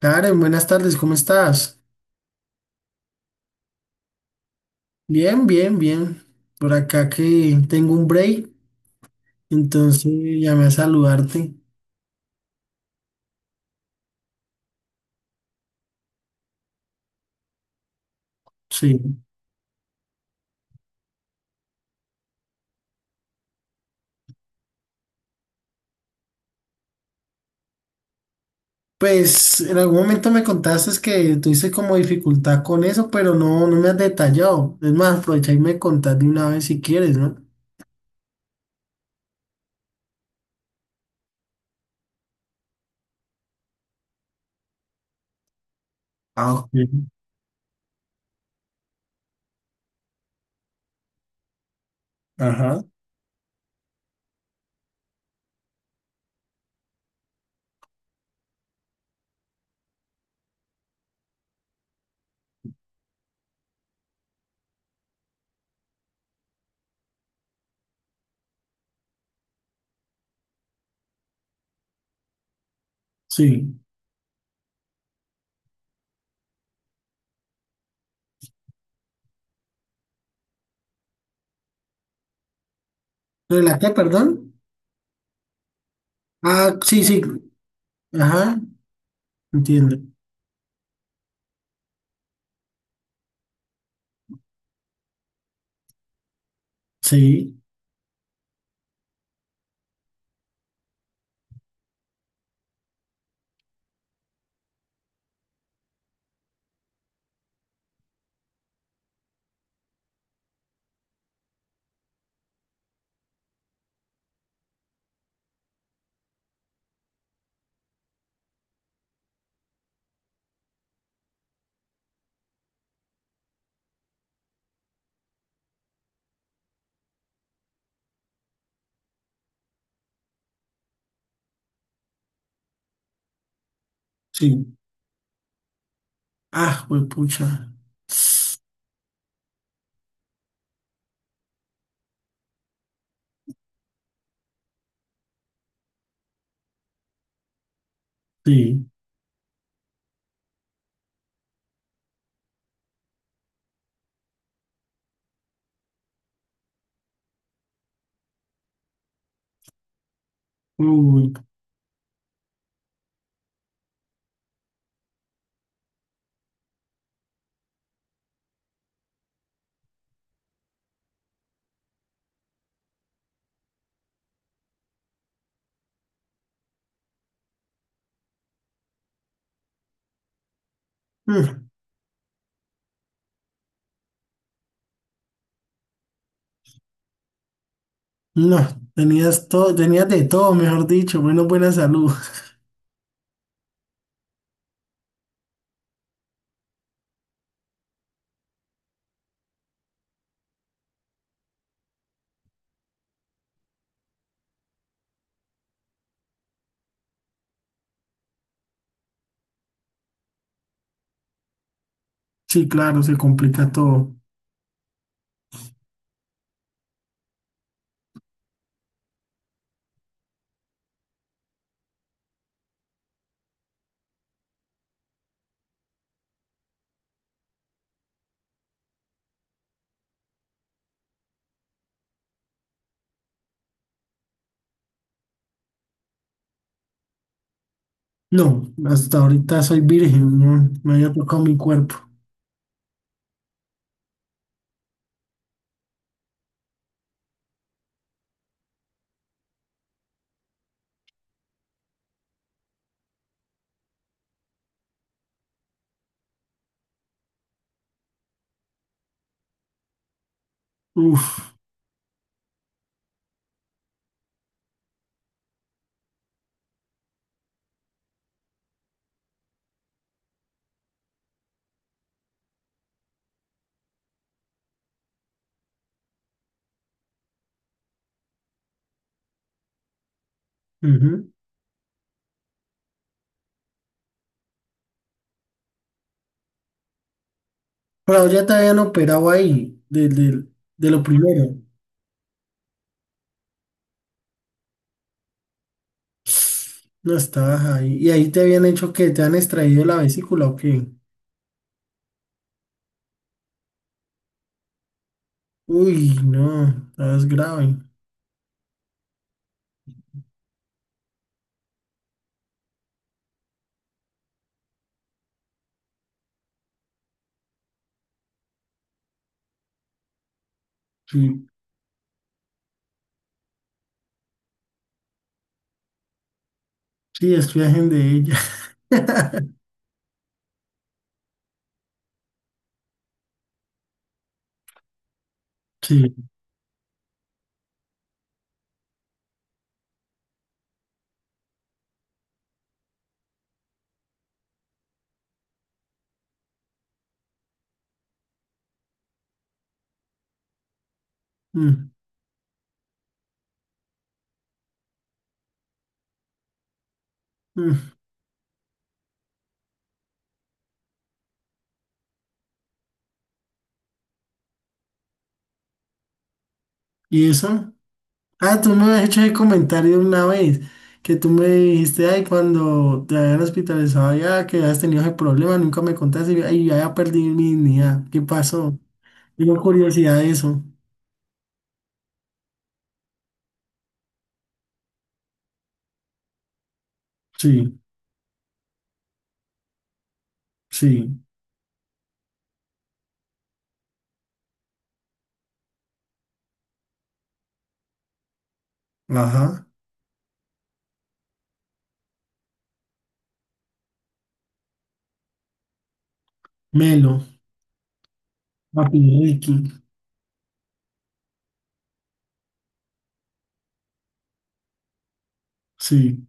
Karen, buenas tardes, ¿cómo estás? Bien, bien, bien. Por acá que tengo un break, entonces llamé a saludarte. Sí. Pues en algún momento me contaste que tuviste como dificultad con eso, pero no, no me has detallado. Es más, aprovecha y me contás de una vez si quieres, ¿no? Ah, ok. Ajá. Sí. ¿Lo de la qué, perdón? Ah, sí, sí. Ajá, entiendo. Sí, sí. Ah, pues pucha. Sí. Uy. Mm. No, tenías todo, tenías de todo, mejor dicho, menos buena salud. Sí, claro, se complica todo. No, hasta ahorita soy virgen, no, no había tocado mi cuerpo. Uf, ujú. Pero ya te habían operado ahí, de lo primero. No estabas ahí. ¿Y ahí te habían hecho que te han extraído la vesícula o qué? Uy, no, estabas grave. Sí, sí, estoy virgen de ella. Sí. mm, mm. ¿Y eso? Ah, tú me has hecho ese comentario una vez, que tú me dijiste, ay, cuando te habían hospitalizado ya, que habías tenido ese problema, nunca me contaste, y yo, ay, ya, ya perdí mi dignidad, ¿qué pasó? Tengo curiosidad de eso. Sí, sí, ajá. Melo, papi Ricky, sí.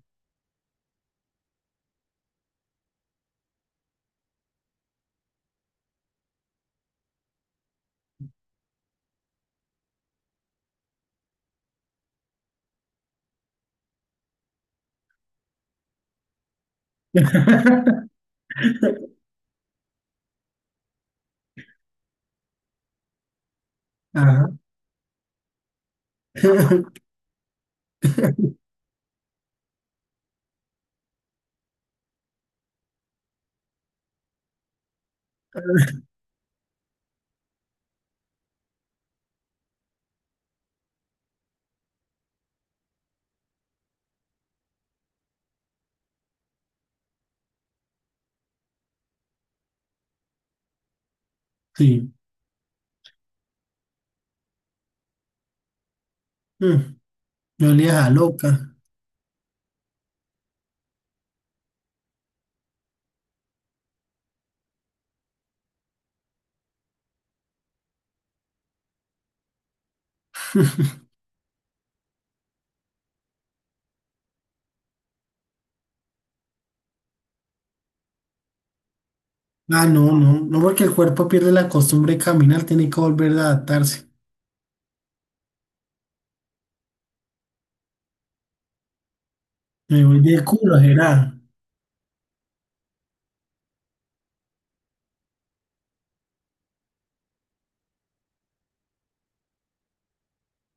Ajá, sí. Mm, me olía a loca. Ah, no, no, no, porque el cuerpo pierde la costumbre de caminar, tiene que volver a adaptarse. Me voy de culo, será.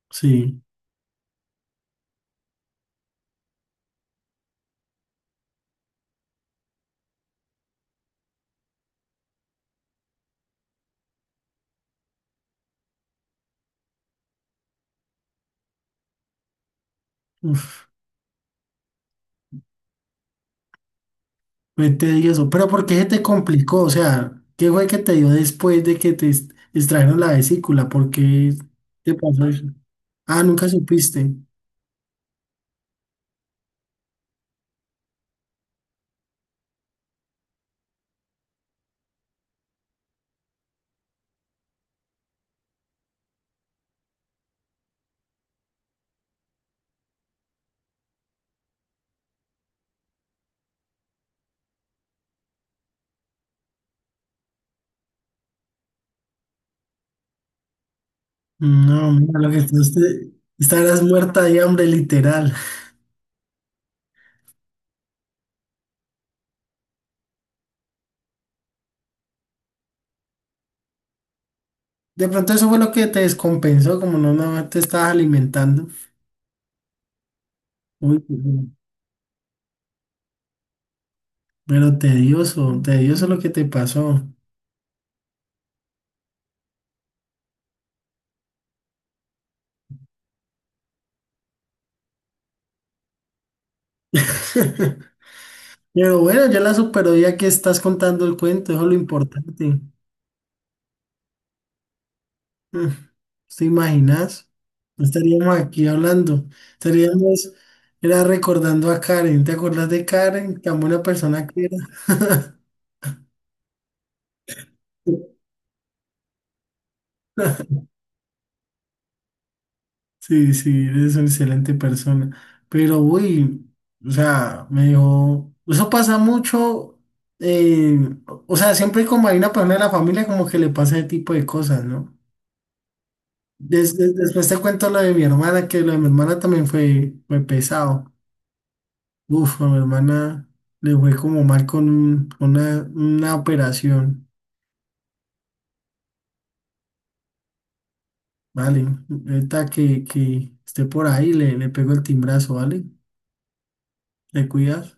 Sí. Uf. Fue tedioso, pero ¿por qué se te complicó? O sea, ¿qué fue que te dio después de que te extrajeron la vesícula? ¿Por qué te pasó eso? Ah, nunca supiste. No, mira, lo que tú estarás muerta de hambre, literal. De pronto eso fue lo que te descompensó, como no, no te estabas alimentando. Uy, pero tedioso, tedioso lo que te pasó. Pero bueno, ya la superó ya que estás contando el cuento, eso es lo importante. Mm, ¿te imaginas? No estaríamos aquí hablando. Estaríamos era recordando a Karen. ¿Te acuerdas de Karen? Tan buena persona que era. Sí, sí, eres una excelente persona. Pero, uy, o sea, me dijo, eso pasa mucho. eh, o sea, siempre como hay una persona de la familia, como que le pasa ese tipo de cosas, ¿no? Después te cuento lo de mi hermana, que lo de mi hermana también fue, fue pesado. Uf, a mi hermana le fue como mal con una operación, ¿vale? Ahorita que esté por ahí, le pego el timbrazo, ¿vale? ¿Le cuidas?